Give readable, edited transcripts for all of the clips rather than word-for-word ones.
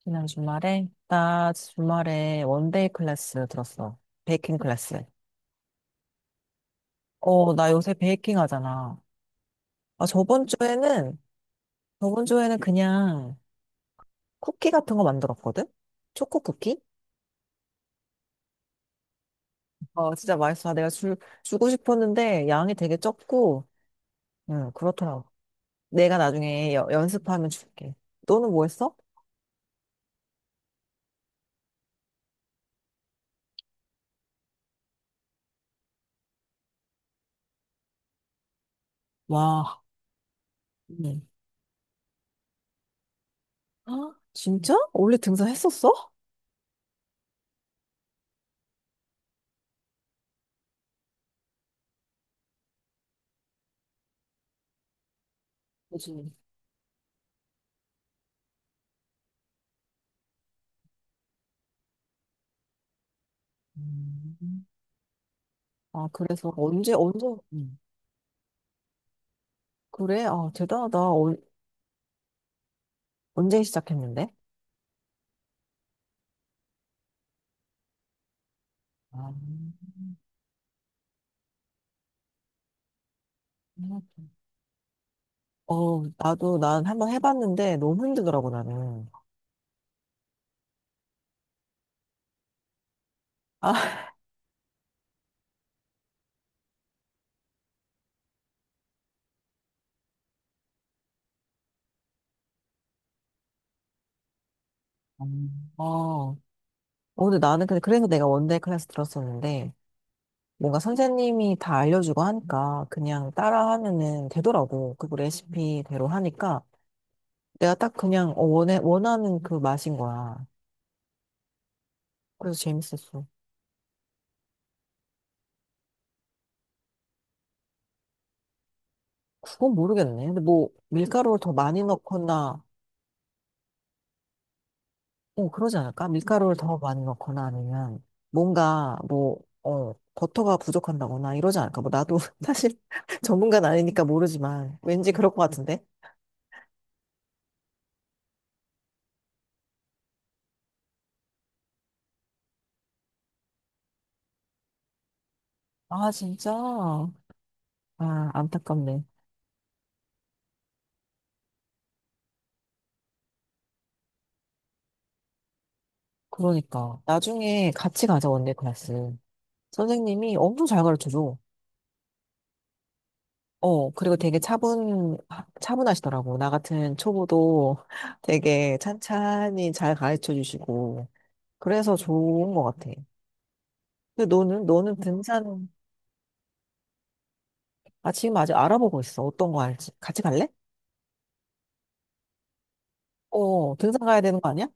지난 주말에? 나 주말에 원데이 클래스 들었어. 베이킹 클래스. 나 요새 베이킹 하잖아. 저번 주에는, 저번 주에는 그냥 쿠키 같은 거 만들었거든? 초코 쿠키? 진짜 맛있어. 아, 주고 싶었는데 양이 되게 적고, 응, 그렇더라고. 내가 나중에 연습하면 줄게. 너는 뭐 했어? 와. 응. 아, 진짜? 원래 등산했었어? 그지. 음. 아, 그래서 언제? 그래? 아, 대단하다. 어, 언제 시작했는데? 아, 생각해. 어, 나도 난 한번 해봤는데 너무 힘들더라고, 나는. 아, 어. 어, 근데 나는 근데 그래서 내가 원데이 클래스 들었었는데 뭔가 선생님이 다 알려주고 하니까 그냥 따라 하면은 되더라고. 그리고 레시피대로 하니까 내가 딱 그냥 원하는 그 맛인 거야. 그래서 재밌었어. 그건 모르겠네. 근데 뭐 밀가루를 더 많이 넣거나 그러지 않을까? 밀가루를 더 많이 넣거나 아니면 뭔가 버터가 부족한다거나 이러지 않을까? 뭐 나도 사실 전문가는 아니니까 모르지만 왠지 그럴 것 같은데? 아, 진짜? 아, 안타깝네. 그러니까. 나중에 같이 가자, 원데이 클래스. 선생님이 엄청 잘 가르쳐줘. 그리고 되게 차분하시더라고. 나 같은 초보도 되게 찬찬히 잘 가르쳐 주시고. 그래서 좋은 것 같아. 근데 너는 등산, 아, 지금 아직 알아보고 있어. 어떤 거 할지. 같이 갈래? 어, 등산 가야 되는 거 아니야?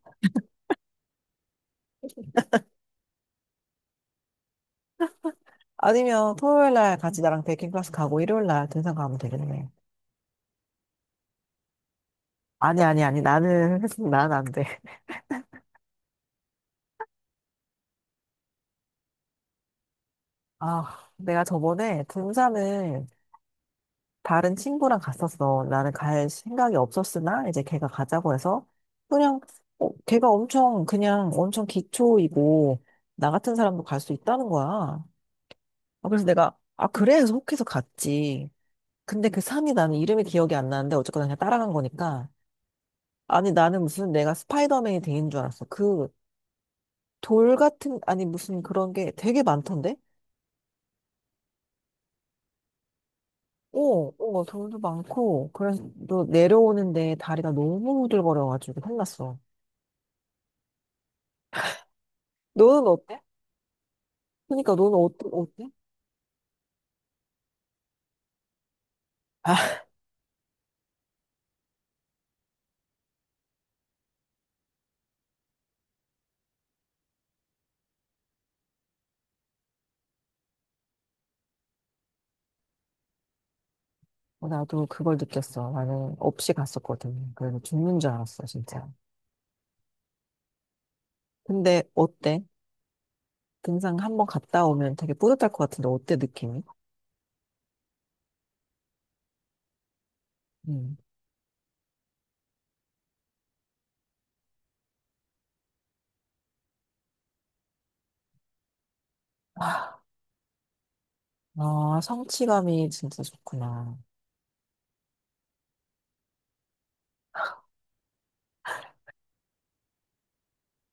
아니면 토요일 날 같이 나랑 베이킹 클래스 가고 일요일 날 등산 가면 되겠네. 아니, 아니, 아니. 나는, 난 안 돼. 아, 내가 저번에 등산을 다른 친구랑 갔었어. 나는 갈 생각이 없었으나 이제 걔가 가자고 해서 그냥, 어, 그냥 엄청 기초이고 나 같은 사람도 갈 수 있다는 거야. 아, 그래서 아, 그래? 해서 혹해서 갔지. 근데 그 삼이 나는 이름이 기억이 안 나는데 어쨌거나 그냥 따라간 거니까. 아니, 나는 무슨 내가 스파이더맨이 된 줄 알았어. 그 아니, 무슨 그런 게 되게 많던데? 어, 어, 돌도 많고. 그래서 또 내려오는데 다리가 너무 후들거려가지고 혼났어. 너는 어때? 어때? 아, 나도 그걸 느꼈어. 나는 없이 갔었거든. 그래서 죽는 줄 알았어, 진짜. 근데 어때? 등산 한번 갔다 오면 되게 뿌듯할 것 같은데 어때, 느낌이? 음. 아, 성취감이 진짜 좋구나.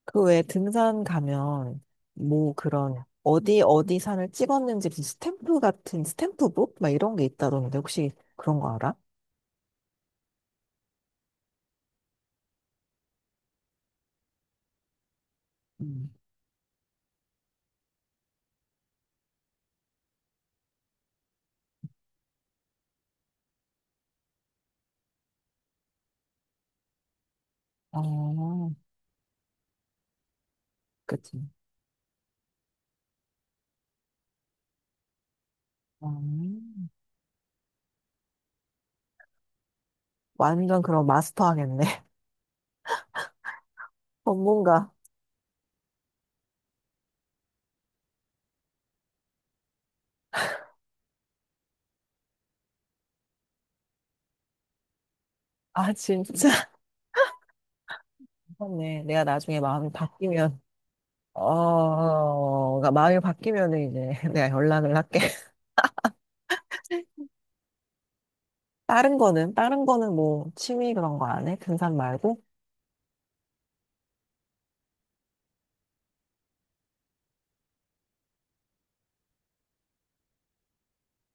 그 외에 등산 가면 뭐 그런 어디 어디 산을 찍었는지 무슨 스탬프북 막 이런 게 있다던데 혹시 그런 거 알아? 음. 어, 그치. 음. 완전 그런 마스터 하겠네. 전문가. 아, 진짜. 그렇네. 내가 나중에 마음이 바뀌면, 어, 그러니까 마음이 바뀌면은 이제 내가 연락을 할게. 다른 거는 뭐 취미 그런 거 안 해? 등산 말고?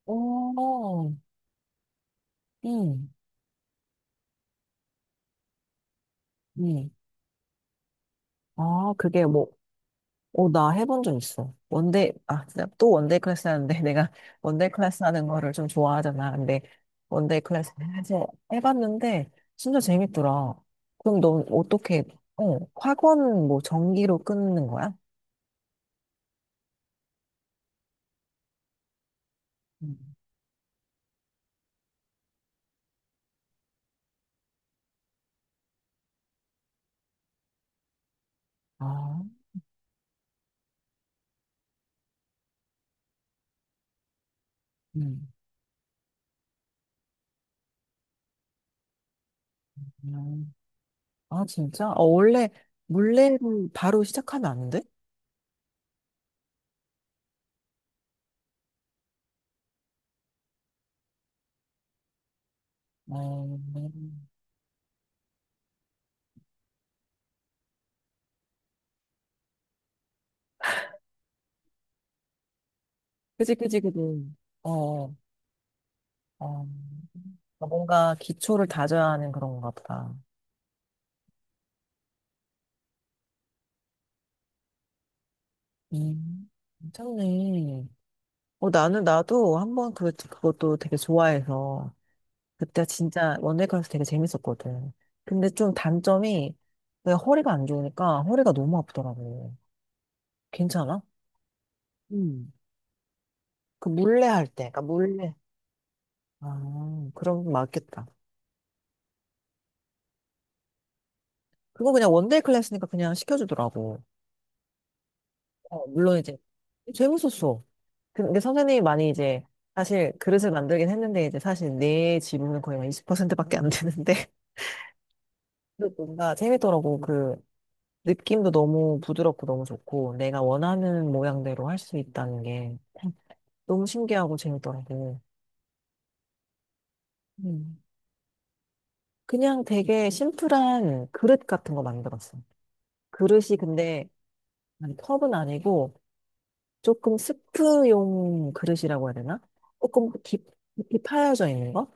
오, 음, 음. 아, 그게 뭐, 어, 나 해본 적 있어. 원데이, 아, 진짜 또 원데이 클래스 하는데 내가 원데이 클래스 하는 거를 좀 좋아하잖아. 근데 원데이 클래스 해서 해봤는데 진짜 재밌더라. 그럼 넌 어떻게, 어, 학원 뭐 정기로 끊는 거야? 음. 아, 음, 음. 아, 진짜? 어, 원래 물레를 바로 시작하면 안 돼? 어, 그지, 그지, 그지. 어, 어. 어, 어, 뭔가 기초를 다져야 하는 그런가 보다. 음, 괜찮네. 어, 나도 한번 그것도 되게 좋아해서, 그때 진짜 원데이 클래스 되게 재밌었거든. 근데 좀 단점이, 내가 허리가 안 좋으니까 허리가 너무 아프더라고. 괜찮아? 음. 그러니까 물레. 아, 그럼 맞겠다. 그거 그냥 원데이 클래스니까 그냥 시켜주더라고. 어, 물론 이제 재밌었어. 근데 선생님이 많이 이제 사실 그릇을 만들긴 했는데 이제 사실 내 지분은 거의 막 20%밖에 안 되는데 그래도 뭔가 재밌더라고. 그 느낌도 너무 부드럽고 너무 좋고 내가 원하는 모양대로 할 수 있다는 게 너무 신기하고 재밌더라고. 음. 그냥 되게 심플한 그릇 같은 거 만들었어. 그릇이 근데 컵은 아니고 조금 스프용 그릇이라고 해야 되나? 조금 깊, 깊이 파여져 있는 거?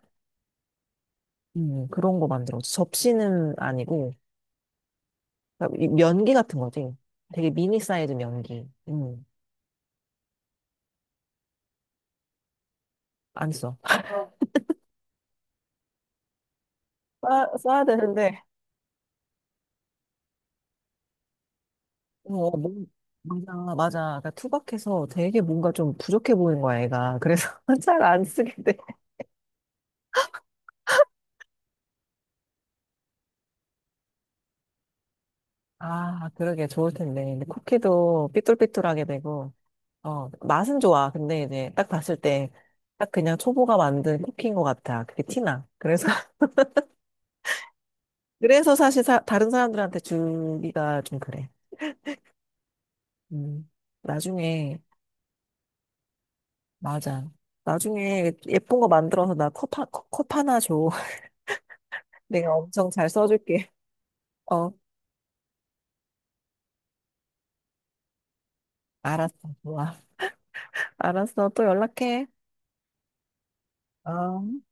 그런 거 만들었어. 접시는 아니고 그러니까 이 면기 같은 거지. 되게 미니 사이즈 면기. 안 써. 써야 되는데, 어, 맞아, 맞아. 그러니까 투박해서 되게 뭔가 좀 부족해 보이는 거야, 애가. 그래서 잘 안 쓰게 돼. 아, 그러게 좋을 텐데. 근데 쿠키도 삐뚤삐뚤하게 되고, 어, 맛은 좋아. 근데 이제 딱 봤을 때, 딱 그냥 초보가 만든 쿠키인 것 같아. 그게 티나. 그래서, 그래서 사실 다른 사람들한테 주기가 좀 그래. 음, 나중에 맞아. 나중에 예쁜 거 만들어서 나 컵컵 하나 줘. 내가 엄청 잘 써줄게. 어, 알았어. 좋아. 알았어. 또 연락해. 어.